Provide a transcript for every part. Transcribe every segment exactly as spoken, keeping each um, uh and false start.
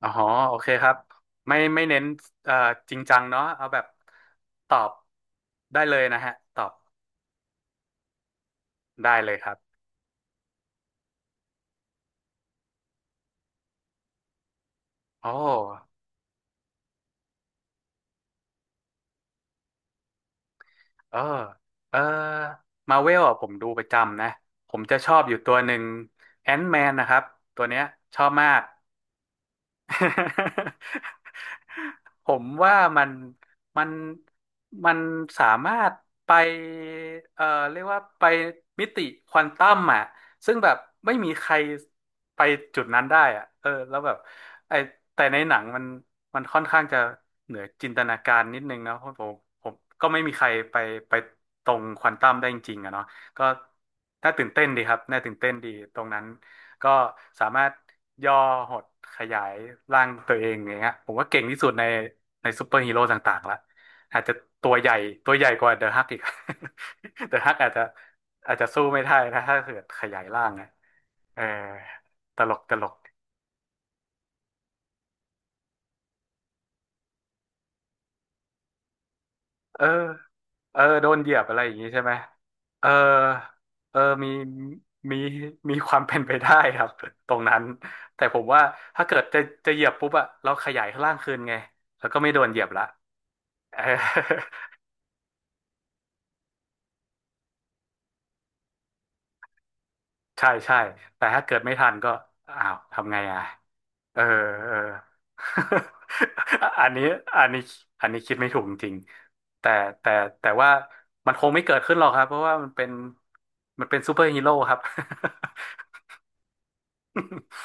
อ๋อโอเคครับไม่ไม่เน้นเอ่อจริงจังเนาะเอาแบบตอบได้เลยนะฮะตอบได้เลยครับโอ้เออเออมาเวลอ่ะผมดูประจำนะผมจะชอบอยู่ตัวหนึ่งแอน m ์แมนนะครับตัวเนี้ยชอบมาก ผมว่ามันมันมันสามารถไปเอ่อเรียกว่าไปมิติควอนตัมอ่ะซึ่งแบบไม่มีใครไปจุดนั้นได้อ่ะเออแล้วแบบไอแต่ในหนังมันมันค่อนข้างจะเหนือจินตนาการนิดนึงนะเพราะผมผมก็ไม่มีใครไปไปตรงควอนตัมได้จริงๆอะเนาะก็น่าตื่นเต้นดีครับน่าตื่นเต้นดีตรงนั้น ก็สามารถย่อหดขยายร่างตัวเองอย่างเงี้ยผมว่าเก่งที่สุดในในซูเปอร์ฮีโร่ต่างๆละอาจจะตัวใหญ่ตัวใหญ่กว่าเดอะฮักอีก เดอะฮักอาจจะอาจจะสู้ไม่ได้นะถ้าเกิดขยายร่างนะเออตลกตลก เออ เออโดนเหยียบอะไรอย่างงี้ใช่ไหม เออ เออมีมีมีความเป็นไปได้ครับตรงนั้น แต่ผมว่าถ้าเกิดจะจะเหยียบปุ๊บอะเราขยายร่างคืนไงแล้วก็ไม่โดนเหยียบละ เออ ใช่ใช่แต่ถ้าเกิดไม่ทันก็อ้าวทำไงอ่ะเออเออ อันนี้อันนี้อันนี้คิดไม่ถูกจริงๆแต่แต่แต่ว่ามันคงไม่เกิดขึ้นหรอกครับเพราะว่ามันเป็นมันเป็นซูเปอร์ฮีโร่ครับ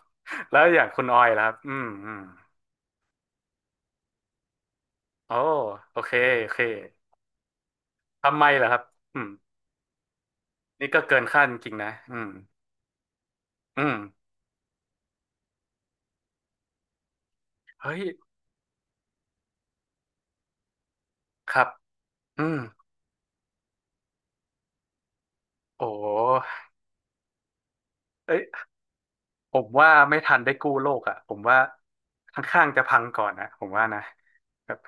แล้วอย่างคุณออยล่ะครับอืมอืมโอ้โอเคโอเคทำไมล่ะครับอืมนี่ก็เกินคาดจริงๆนะอืมอืมเฮ้ยครับอืมโอ้เอ้ย ผมว่าไม่ทันได้กู้โลกอ่ะผมว่าข้างๆจะพังก่อนนะผมว่านะแบบ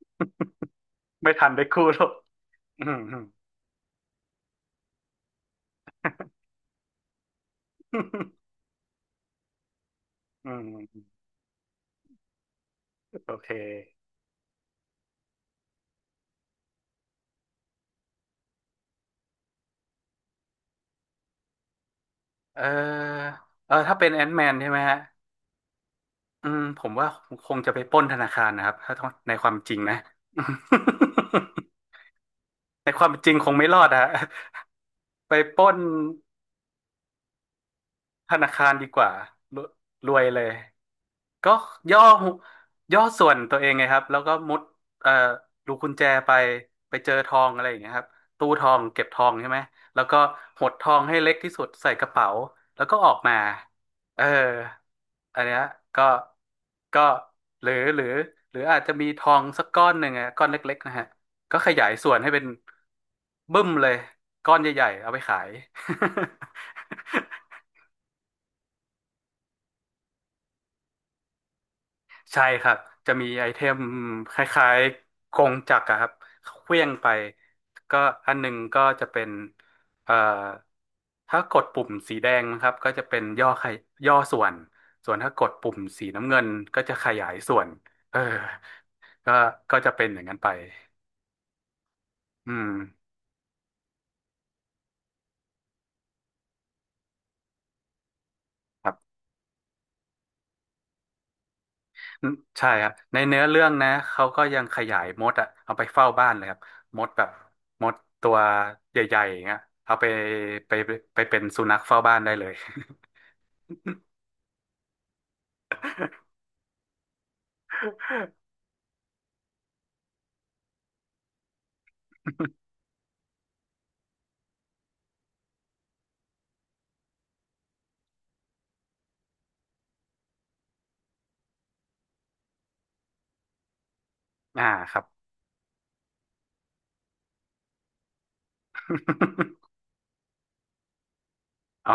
ไม่ทันได้กู้โลกอืม อืมอืมโอเคเออเออถ้าเป็นแอน m ์แมนใช่ไหมฮะอืมผมว่าคงจะไปปล้นธนาคารนะครับถ้าในความจริงนะ ในความจริงคงไม่รอดอะไปปล้นธนาคารดีกว่ารวยรวยเลย ก็ย่อย่อส่วนตัวเองไงครับแล้วก็มุดเอ่อรูกุญแจไปไปเจอทองอะไรอย่างเงี้ยครับตู้ทองเก็บทองใช่ไหมแล้วก็หดทองให้เล็กที่สุดใส่กระเป๋าแล้วก็ออกมาเอออันเนี้ยก็ก็หรือหรือหรืออาจจะมีทองสักก้อนหนึ่งอะก้อนเล็กๆนะฮะก็ขยายส่วนให้เป็นบึ้มเลยก้อนใหญ่ๆเอาไปขาย ใช่ครับจะมีไอเทมคล้ายๆกงจักรอะครับเคลื่องไปก็อันหนึ่งก็จะเป็นเอ่อถ้ากดปุ่มสีแดงนะครับก็จะเป็นย่อขยย่อส่วนส่วนถ้ากดปุ่มสีน้ำเงินก็จะขยายส่วนเออก็ก็จะเป็นอย่างนั้นไปอืมครับ อืมใช่ครับในเนื้อเรื่องนะเขาก็ยังขยายมดอะเอาไปเฝ้าบ้านเลยครับมดแบบมดตัวใหญ่ๆอย่างเงี้ยเอาไปไปไปเป็นสุนัขเฝ้าบ้านได้เลย อ่าครับ อ๋อ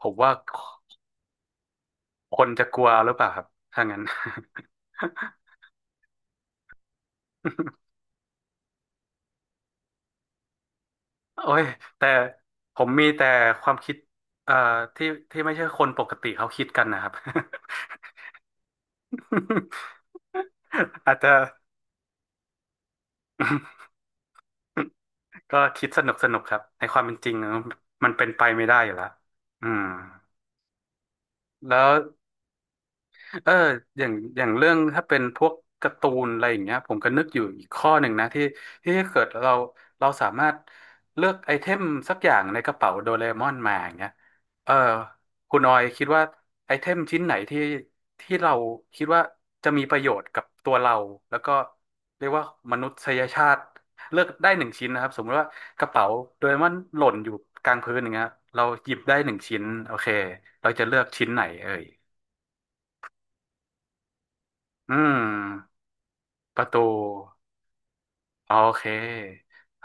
ผมว่าคนจะกลัวหรือเปล่าครับถ้างั้น โอ้ยแต่ผมมีแต่ความคิดเอ่อที่ที่ไม่ใช่คนปกติเขาคิดกันนะครับ อาจจะ ก็คิดสนุกสนุกครับ ในความเป็นจริงมันเป็นไปไม่ได้อยู่แล้วอืมแล้ว เอออย่างอย่างเรื่องถ้าเป็นพวกการ์ตูนอะไรอย่างเงี้ยผมก็นึกอยู่อีกข้อหนึ่งนะ ที่ที่เกิดเราเราสามารถเลือกไอเทมสักอย่างในกระเป๋าโดเรมอนมาอย่างเงี้ยเออคุณออยคิดว่าไอเทมชิ้นไหนที่ที่เราคิดว่าจะมีประโยชน์กับตัวเราแล้วก็เรียกว่ามนุษยชาติเลือกได้หนึ่งชิ้นนะครับสมมติว่ากระเป๋าโดเรมอนหล่นอยู่กลางพื้นอย่างเงี้ยเราหยิบได้หนึ่งชิ้น โอเคเราจะเลือกชิ้นไหนเอ่ยอืม ประตูอ๋อโอเค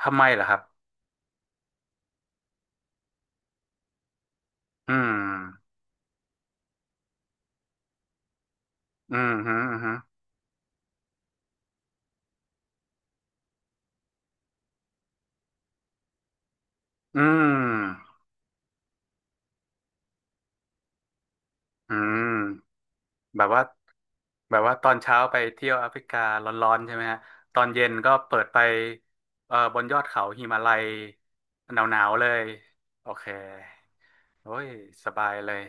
ทำไมล่ะครับอืมอืมฮึอืมฮึอืมอืมแบบว่าแบบว่าตอนเช้าไปเที่ยวแอฟริการ้อนๆใช่ไหมฮะตอนเย็นก็เปิดไปเอ่อบนยอดเขาหิมาลัยหนาวๆเลยโอเคโอ้ยสบายเลย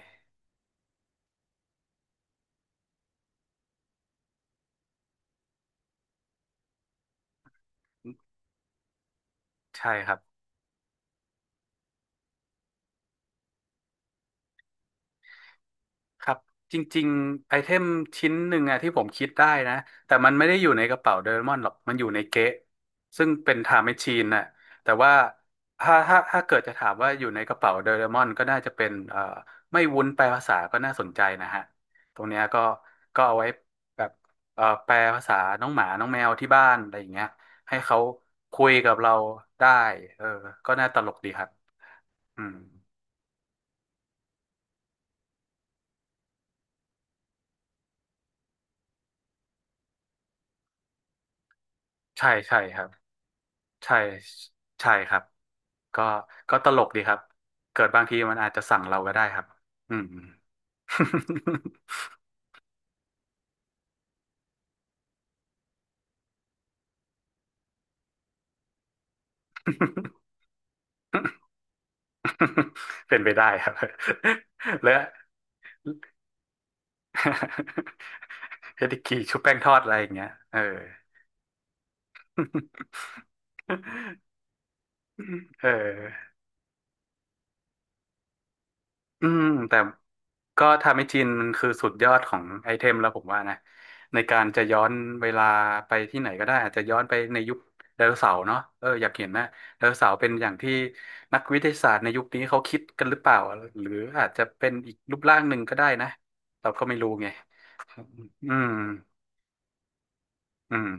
ใช่ครับ ครับจริงๆไอเทมชิ้นหนึ่งอะที่ผมคิดได้นะแต่มันไม่ได้อยู่ในกระเป๋าโดเรมอนหรอกมันอยู่ในเก๊ะซึ่งเป็นไทม์แมชชีนน่ะแต่ว่าถ้าถ้าถ้าเกิดจะถามว่าอยู่ในกระเป๋าโดเรมอนก็น่าจะเป็นเอ่อไม่วุ้นแปลภาษาก็น่าสนใจนะฮะตรงเนี้ยก็ก็เอาไว้แบบเอ่อแปลภาษาน้องหมาน้องแมวที่บ้านอะไรอย่างเงี้ยให้เขาคุยกับเราได้เออก็น่าตลกดีครับอืมใช่ใช่ครับ ใช่ใช่ครับก็ก็ตลกดีครับเกิดบางทีมันอาจจะสั่งเราก็ได้ครับอืม เป็นไปได้ครับ และ เฮดิกีชุบแป้งทอดอะไรอย่างเงี้ยเออ เอออืมแต่ ก็ทำให้จีนมันคือสุดยอดของไอเทมแล้วผมว่านะในการจะย้อนเวลาไปที่ไหนก็ได้อาจจะย้อนไปในยุคไดโนเสาร์เนาะเอออยากเห็นนะไดโนเสาร์เป็นอย่างที่นักวิทยาศาสตร์ในยุคนี้เขาคิดกันหรือเปล่าหรืออาจจะเป็นอีกรูปร่างหนึ่งก็ได้นะเราก็ไม่รู้ไงอืมอืม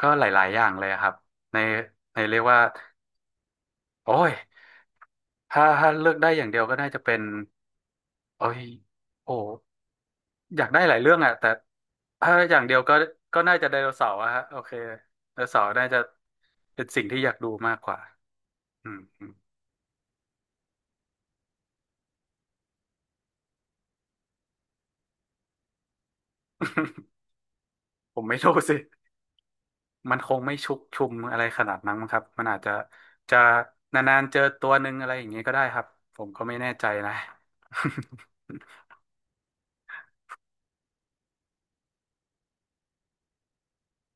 ก็หลายๆอย่างเลยอะครับในในเรียกว่าโอ้ยถ้าถ้าเลือกได้อย่างเดียวก็น่าจะเป็นโอ้ยโอ้ อยากได้หลายเรื่องอะแต่ถ้าอย่างเดียวก็ก็น่าจะไดโนเสาร์อะฮะโอเคไดโนเสาร์น่าจะเป็นสิ่งที่อยากดูมากกว่าอืมอืมผมไม่รู้สิมันคงไม่ชุกชุมอะไรขนาดนั้นมั้งครับมันอาจจะจะนานๆเจอตัวหนึ่งอะไรอย่างนี้ก็ได้ครับผมก็ไม่แน่ใจนะ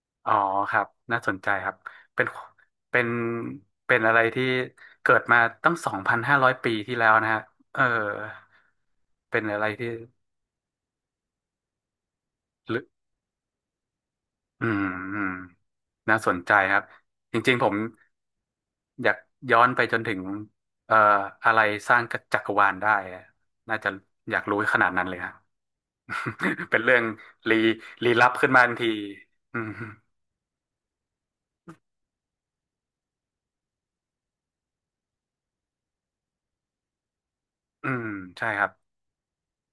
อ๋อครับน่าสนใจครับเป็นเป็นเป็นอะไรที่เกิดมาตั้งสองพันห้าร้อยปีที่แล้วนะฮะเออเป็นอะไรที่ อืมอืมน่าสนใจครับจริงๆผมอยากย้อนไปจนถึงเอ่ออะไรสร้างจักรวาลได้อะน่าจะอยากรู้ขนาดนั้นเลยฮะ เป็นเรื่องลี้ลี้ลับขึ้นมาทันทีอืมอืมใช่ครับ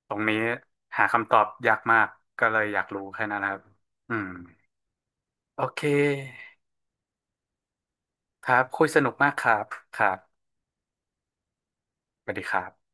ตรงนี้หาคำตอบยากมากก็เลยอยากรู้แค่นั้นนะครับอืมโอเคครับคุยสนุกมากครับครับสวัสดีครับ